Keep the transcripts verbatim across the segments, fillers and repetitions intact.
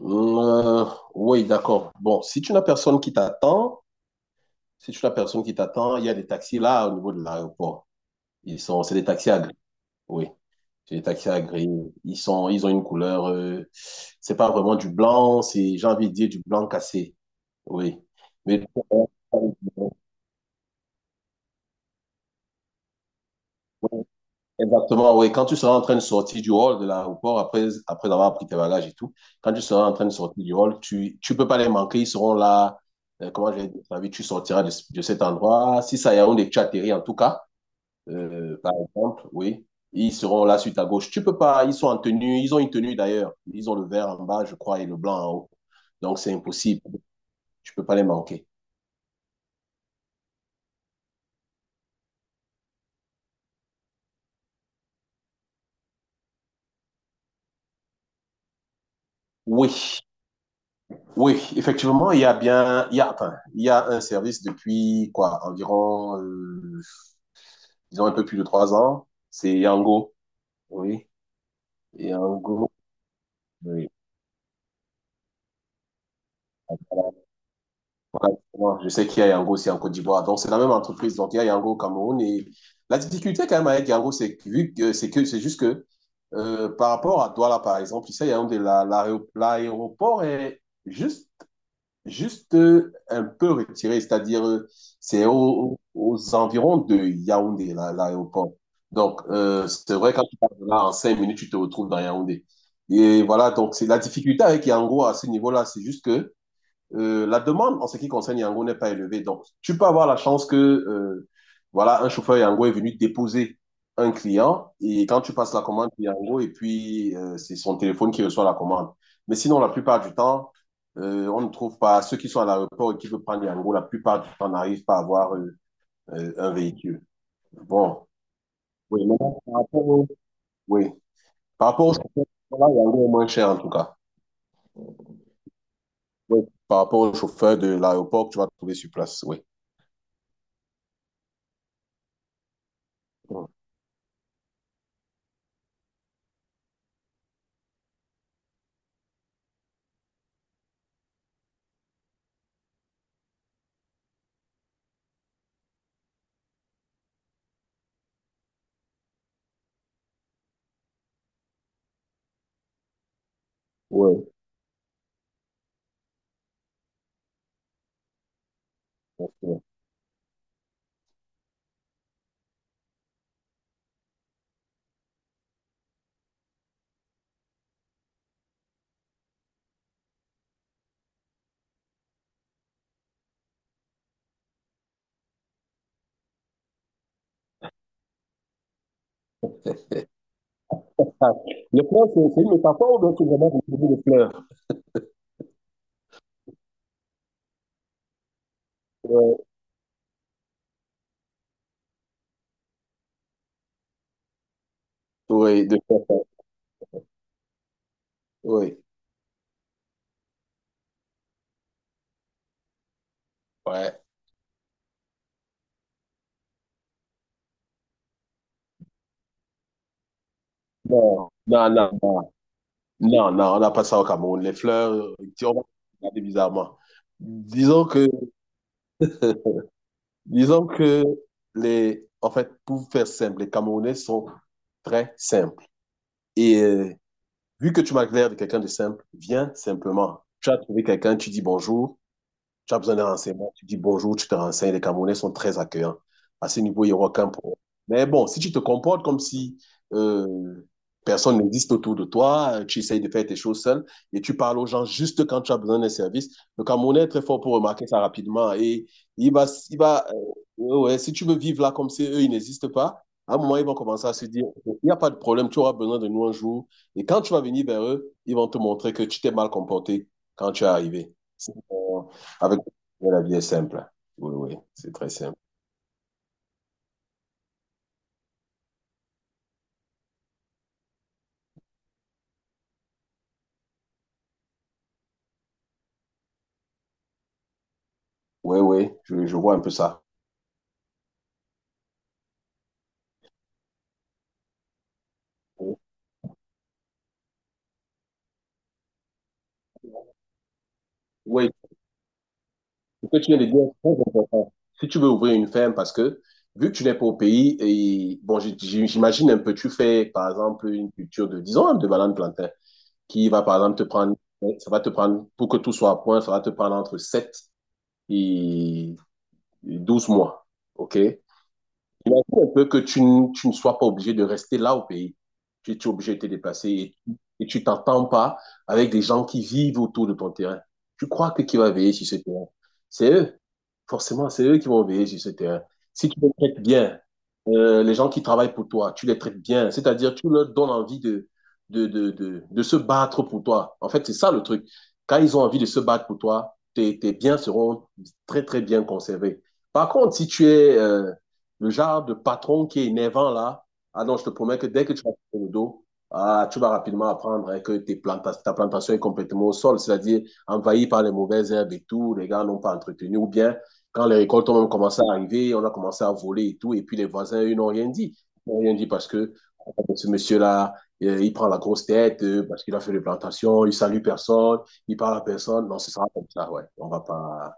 Euh, oui, d'accord. Bon, si tu n'as personne qui t'attend, si tu n'as personne qui t'attend, il y a des taxis là au niveau de l'aéroport. Ils sont, c'est des taxis à gris. Oui, c'est des taxis à gris. Ils sont, ils ont une couleur. Euh, c'est pas vraiment du blanc. C'est, j'ai envie de dire du blanc cassé. Oui. Mais Exactement, oui. Quand tu seras en train de sortir du hall de l'aéroport, après, après avoir pris tes bagages et tout, quand tu seras en train de sortir du hall, tu ne peux pas les manquer. Ils seront là. Euh, comment je vais dire ça. Tu sortiras de, de cet endroit. Si ça y est, on tu atterri en tout cas, euh, par exemple, oui, ils seront là sur ta gauche. Tu peux pas. Ils sont en tenue. Ils ont une tenue d'ailleurs. Ils ont le vert en bas, je crois, et le blanc en haut. Donc, c'est impossible. Tu peux pas les manquer. Oui, oui, effectivement, il y a bien, il y a, enfin, il y a un service depuis quoi, environ euh, ils ont un peu plus de trois ans. C'est Yango, oui. Yango, oui. Voilà, moi, je sais qu'il y a Yango aussi en Côte d'Ivoire. Donc, c'est la même entreprise. Donc, il y a Yango au Cameroun. Et la difficulté quand même avec Yango, c'est que, vu que- c'est que, c'est juste que euh, par rapport à Douala, par exemple, ici, il y a un de la- l'aéro- l'aéroport est juste juste euh, un peu retiré, c'est-à-dire euh, c'est au- aux environs de Yaoundé, là, l'aéroport. Donc, euh, c'est vrai, quand tu pars de là, en cinq minutes, tu te retrouves dans Yaoundé. Et voilà, donc c'est la difficulté avec Yango à ce niveau-là, c'est juste que euh, la demande en ce qui concerne Yango n'est pas élevée. Donc, tu peux avoir la chance que, euh, voilà, un chauffeur Yango est venu déposer un client et quand tu passes la commande Yango, et puis euh, c'est son téléphone qui reçoit la commande. Mais sinon, la plupart du temps, euh, on ne trouve pas, ceux qui sont à l'aéroport et qui veulent prendre Yango, la plupart du temps n'arrivent pas à avoir euh, euh, un véhicule. Bon, oui, maintenant, par rapport au, oui. Par rapport au chauffeur, voilà, Yango est moins cher en tout cas. Oui. Par rapport au chauffeur de l'aéroport que tu vas trouver sur place, oui. Ouais, ouais, bien sûr. Ah, le fleur, c'est c'est une métaphore ou bien tu vraiment pour de fleurs? Ouais. Oui, de fleurs. Oui, ouais. Non, non, non, non, non, on n'a pas ça au Cameroun. Les fleurs, tu- on va regarder bizarrement. Disons que, disons que les, en fait, pour faire simple, les Camerounais sont très simples. Et euh, vu que tu m'as l'air de quelqu'un de simple, viens simplement. Tu as trouvé quelqu'un, tu dis bonjour. Tu as besoin d'un renseignement, tu dis bonjour, tu te renseignes. Les Camerounais sont très accueillants. À ce niveau, il n'y aura aucun problème. Mais bon, si tu te comportes comme si euh, personne n'existe autour de toi, euh, tu essayes de faire tes choses seul et tu parles aux gens juste quand tu as besoin d'un service, le Camerounais est très fort pour remarquer ça rapidement. Et il va, il va, euh, ouais, ouais, si tu veux vivre là comme si eux, ils n'existent pas, à un moment, ils vont commencer à se dire, ok, il n'y a pas de problème, tu auras besoin de nous un jour. Et quand tu vas venir vers eux, ils vont te montrer que tu t'es mal comporté quand tu es arrivé. C'est- euh, avec La vie est simple. Oui, oui, c'est très simple. Oui, oui, je, je vois un peu ça. Oui, ce que tu viens de dire est très important. Si tu veux ouvrir une ferme, parce que vu que tu n'es pas au pays, et bon, j- j- j'imagine un peu, tu fais par exemple une culture de, disons, de banane plantain, qui va par exemple te prendre, ça va te prendre, pour que tout soit à point, ça va te prendre entre sept et douze mois. OK? Il a dit un peu que tu, n- tu ne sois pas obligé de rester là au pays. Tu, tu es obligé de te déplacer et, et tu t'entends pas avec des gens qui vivent autour de ton terrain. Tu crois que qui va veiller sur ce terrain? C'est eux. Forcément, c'est eux qui vont veiller sur ce terrain. Si tu les traites bien, euh, les gens qui travaillent pour toi, tu les traites bien. C'est-à-dire, tu leur donnes envie de, de, de, de, de se battre pour toi. En fait, c'est ça le truc. Quand ils ont envie de se battre pour toi, tes, tes biens seront très, très bien conservés. Par contre, si tu es... euh, le genre de patron qui est énervant là, ah non, je te promets que dès que tu vas faire le dos, ah, tu vas rapidement apprendre hein, que tes planta- ta plantation est complètement au sol, c'est-à-dire envahie par les mauvaises herbes et tout, les gars n'ont pas entretenu, ou bien quand les récoltes ont même commencé à arriver, on a commencé à voler et tout, et puis les voisins, eux, n'ont rien dit. Ils n'ont rien dit parce que ah, ce monsieur-là, euh, il prend la grosse tête, euh, parce qu'il a fait les plantations, il salue personne, il parle à personne. Non, ce sera comme ça, ouais. On va pas...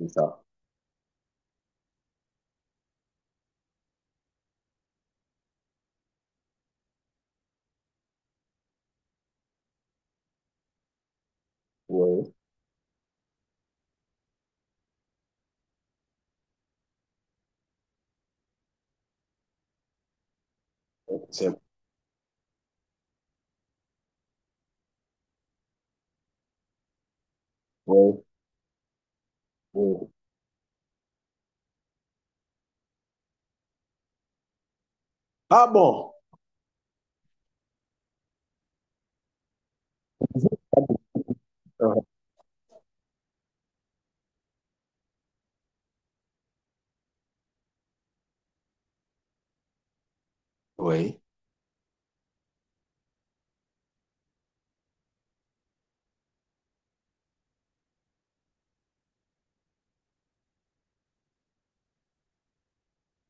C'est ça. Ouais. C'est... ouais, ouais. Ah bon? Euh, Oui.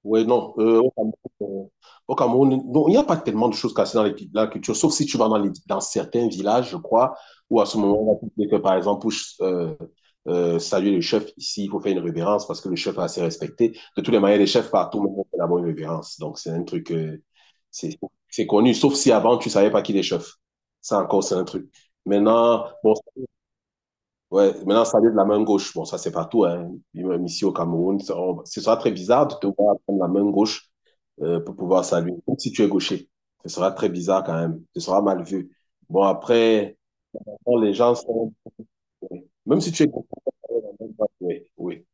Oui, non. Euh, au Cameroun, euh, au Cameroun, non, il n'y a pas tellement de choses cassées dans les, la culture, sauf si tu vas dans, les- dans certains villages, je crois, où à ce moment-là, tu sais que, par exemple, pour euh, euh, saluer le chef ici, il faut faire une révérence parce que le chef est assez respecté. De toutes les manières, les chefs partout, mais on fait d'abord une révérence. Donc, c'est un truc, euh, c'est c'est connu, sauf si avant, tu savais pas qui est chef. Ça encore, c'est un truc. Maintenant, bon, Ouais, maintenant, ça vient de la main gauche. Bon, ça, c'est partout, hein. Puis même ici au Cameroun, ça- on- ce sera très bizarre de te voir prendre la main gauche euh, pour pouvoir saluer, même si tu es gaucher. Ce sera très bizarre quand même. Ce sera mal vu. Bon, après, bon, les gens sont... Même si tu es gaucher, oui, oui.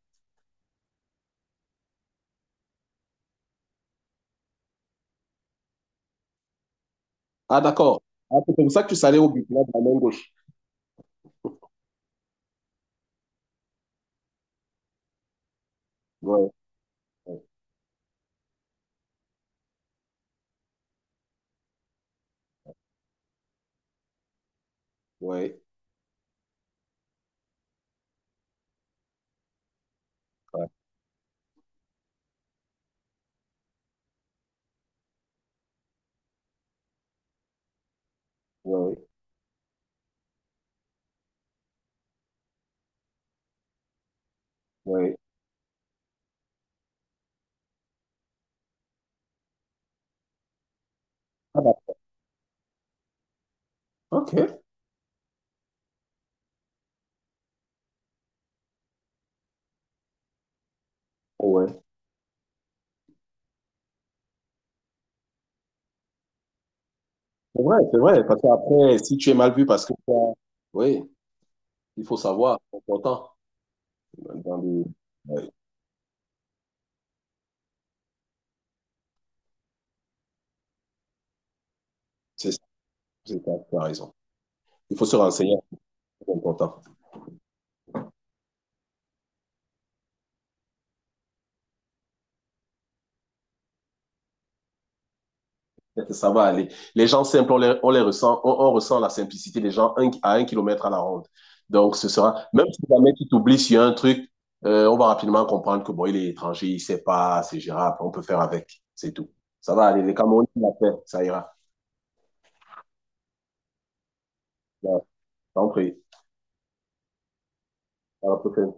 Ah, d'accord. Ah, c'est comme ça que tu salues au but, là, de la main gauche. Ouais, ouais, ouais, ouais, ouais. Ouais. Ah, d'accord. Ok. Ouais. C'est vrai, c'est vrai. Parce qu'après, si tu es mal vu parce que... Oui, il faut savoir, c'est important. Dans des- ouais, c'est ça, c'est ça, tu as raison. Il faut se renseigner, c'est important. Ça va aller. Les gens simples, on les, on les ressent, on, on ressent la simplicité des gens un- à un kilomètre à la ronde. Donc, ce sera, même si jamais tu t'oublies sur un truc, euh, on va rapidement comprendre que bon, il est étranger, il sait pas, c'est gérable, on peut faire avec, c'est tout. Ça va aller. Les Camerounais, ils l'ont fait, ça ira. Ouais, t'en prie. À la prochaine.